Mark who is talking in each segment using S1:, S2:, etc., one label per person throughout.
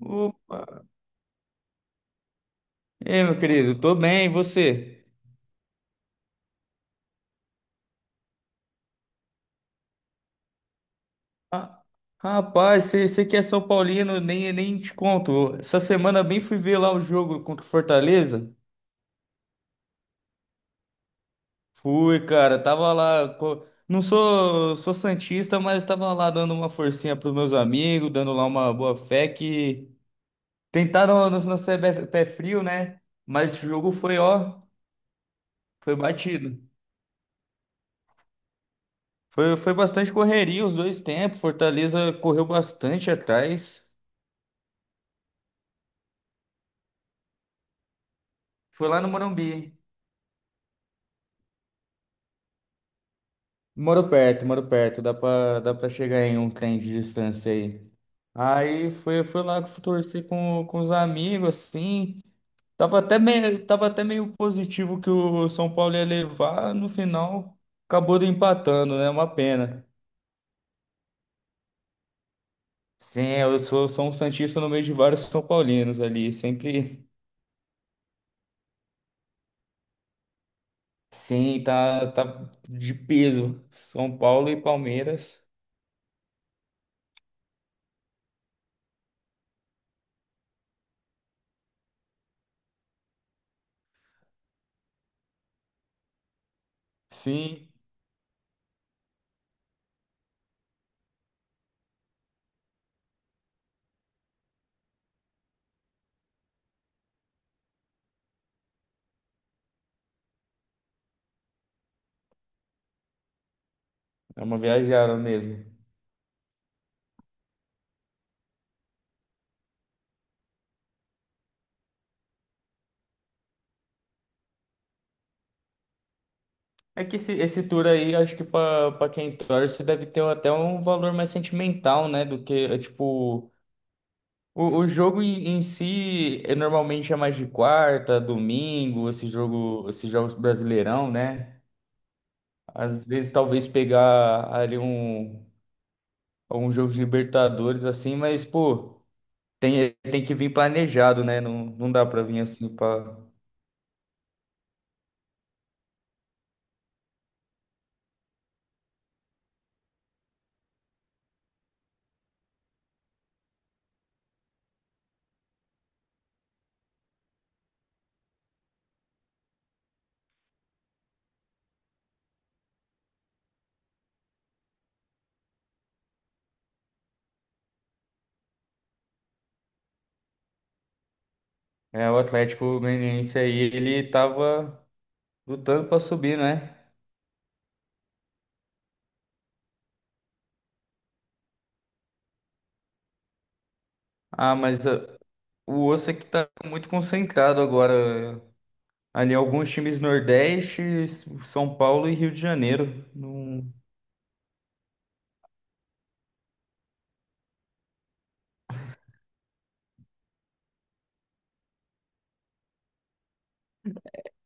S1: Ô, ei, meu querido, tô bem, e você? Ah, rapaz, você que é São Paulino, nem te conto. Essa semana bem fui ver lá o jogo contra o Fortaleza. Fui, cara, tava lá. Não sou, sou santista, mas tava lá dando uma forcinha pros meus amigos, dando lá uma boa fé que tentaram no ser pé frio, né? Mas esse jogo foi, ó, foi batido. Foi, foi bastante correria os dois tempos. Fortaleza correu bastante atrás. Foi lá no Morumbi. Moro perto, dá pra chegar em um trem de distância aí. Aí foi, foi lá que eu torci com os amigos, assim. Tava até meio positivo que o São Paulo ia levar, no final acabou empatando, né? Uma pena. Sim, eu sou, sou um santista no meio de vários São Paulinos ali, sempre. Sim, tá, tá de peso. São Paulo e Palmeiras. Sim, é uma viajada mesmo. É que esse tour aí, acho que para quem torce, deve ter até um valor mais sentimental, né? Do que, é, tipo, o jogo em si é, normalmente é mais de quarta, domingo, esse jogo, esses jogos brasileirão, né? Às vezes talvez pegar ali um, um jogo de Libertadores, assim, mas, pô, tem, tem que vir planejado, né? Não, não dá para vir assim para. É, o Atlético Goianiense aí, ele tava lutando para subir, né? Ah, mas. O osso é que tá muito concentrado agora. Ali, alguns times Nordeste, São Paulo e Rio de Janeiro. Não-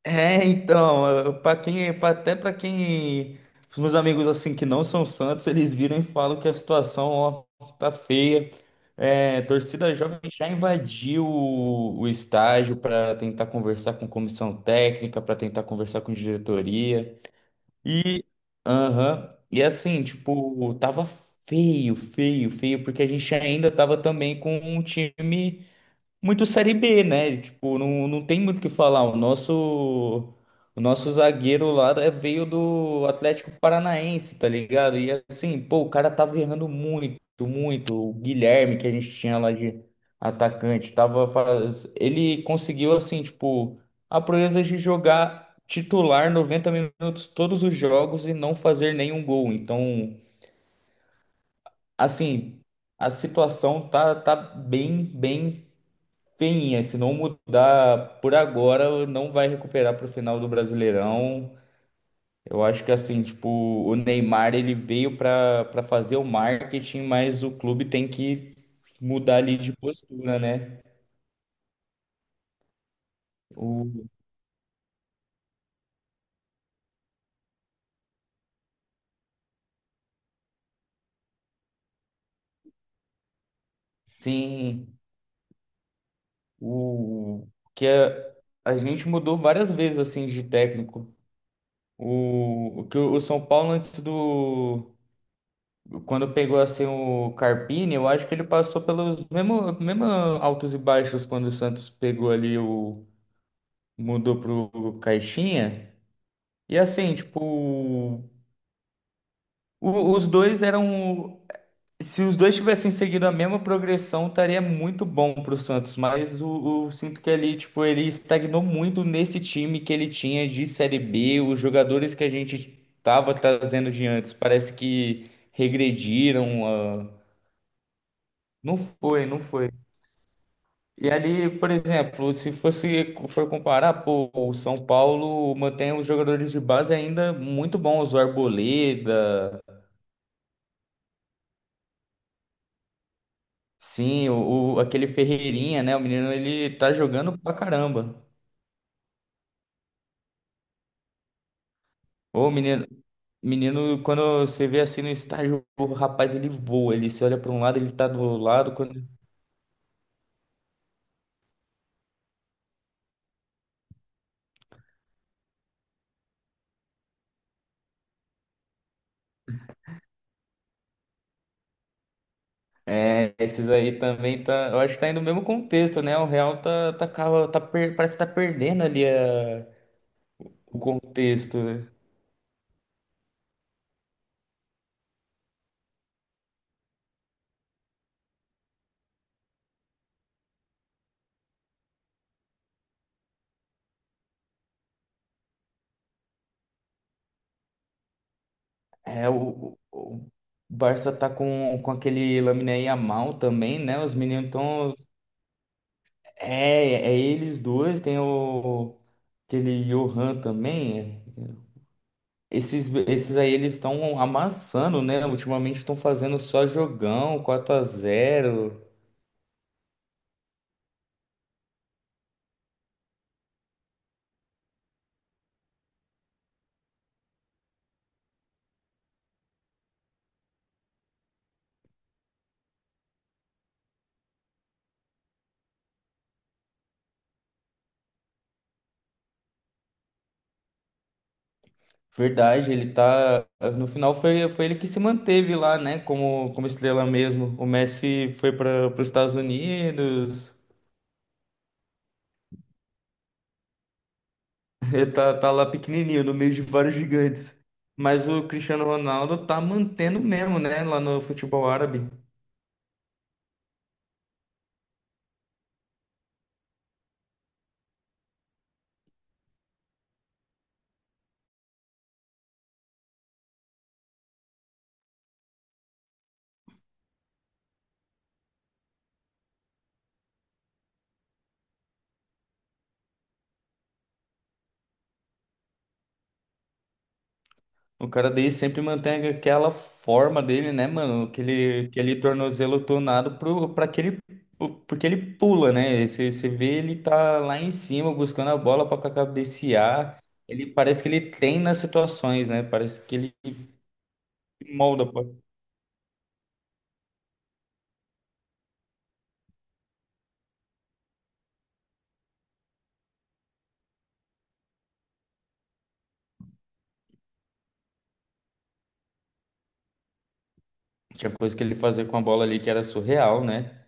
S1: É, então, para quem, até para quem, os meus amigos assim que não são Santos, eles viram e falam que a situação, ó, tá feia. É, a torcida jovem já invadiu o estádio para tentar conversar com comissão técnica, para tentar conversar com diretoria. E, aham, e assim, tipo, tava feio, feio, feio, porque a gente ainda tava também com um time muito Série B, né? Tipo, não, não tem muito o que falar. O nosso zagueiro lá é- veio do Atlético Paranaense, tá ligado? E assim, pô, o cara tava errando muito, muito. O Guilherme, que a gente tinha lá de atacante, tava faz... ele conseguiu, assim, tipo, a proeza de jogar titular 90 minutos todos os jogos e não fazer nenhum gol. Então, assim. A situação tá, tá bem, bem feinha. Se não mudar por agora, não vai recuperar para o final do Brasileirão. Eu acho que assim, tipo, o Neymar ele veio para fazer o marketing, mas o clube tem que mudar ali de postura, né? O, sim, o que a gente mudou várias vezes assim de técnico. O que o São Paulo antes do quando pegou assim o Carpini, eu acho que ele passou pelos mesmos mesmo altos e baixos quando o Santos pegou ali o mudou pro Caixinha. E assim, tipo, os dois eram se os dois tivessem seguido a mesma progressão, estaria muito bom pro Santos, mas o sinto que ali, tipo, ele estagnou muito nesse time que ele tinha de Série B, os jogadores que a gente tava trazendo de antes, parece que regrediram, ah, não foi, não foi. E ali, por exemplo, se fosse for comparar, pô, o São Paulo mantém os jogadores de base ainda muito bons, o Arboleda, sim, aquele Ferreirinha, né? O menino ele tá jogando pra caramba. Ô, menino, menino, quando você vê assim no estádio, o rapaz ele voa, ele se olha pra um lado, ele tá do lado. Quando... É, esses aí também tá, eu acho que tá indo no mesmo contexto, né? O Real tá, parece que tá perdendo ali o contexto, né? É, o Barça tá com aquele Lamine Yamal também, né? Os meninos estão. É, é eles dois, tem o aquele Johan também. Esses, esses aí eles estão amassando, né? Ultimamente estão fazendo só jogão, quatro a zero. Verdade, ele tá. No final foi, foi ele que se manteve lá, né? Como, como estrela mesmo. O Messi foi para os Estados Unidos. Ele tá, tá lá pequenininho, no meio de vários gigantes. Mas o Cristiano Ronaldo tá mantendo mesmo, né? Lá no futebol árabe. O cara dele sempre mantém aquela forma dele, né, mano? Aquele, aquele tornozelo tonado pro, pra que ele, porque ele pula, né? Você, você vê ele tá lá em cima buscando a bola pra cabecear. Ele parece que ele treina as situações, né? Parece que ele molda, pô. Tinha coisa que ele fazia com a bola ali que era surreal, né?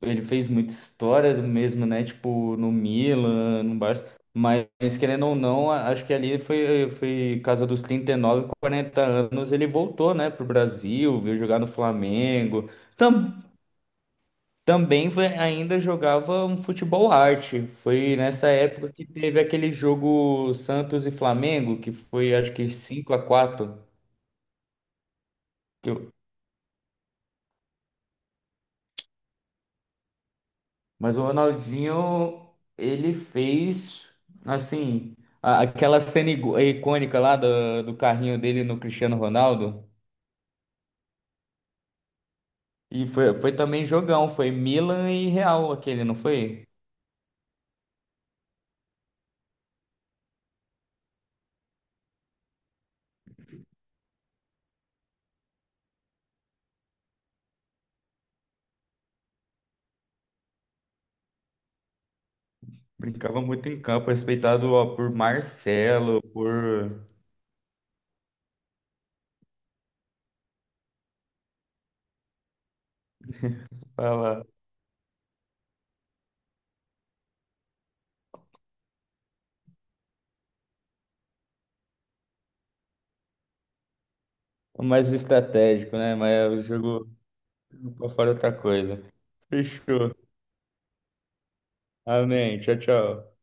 S1: Ele fez muita história do mesmo, né? Tipo, no Milan, no Barça. Mas, querendo ou não, acho que ali foi, foi casa dos 39, 40 anos. Ele voltou, né, pro Brasil, veio jogar no Flamengo. Tam, também foi- ainda jogava um futebol arte. Foi nessa época que teve aquele jogo Santos e Flamengo, que foi acho que 5 a quatro. Mas o Ronaldinho, ele fez, assim, aquela cena icônica lá do carrinho dele no Cristiano Ronaldo. E foi, foi também jogão, foi Milan e Real aquele, não foi? Brincava muito em campo, respeitado ó, por Marcelo, por... Fala, mais estratégico, né? Mas o jogo pra fora é outra coisa. Fechou. Amém. Tchau, tchau.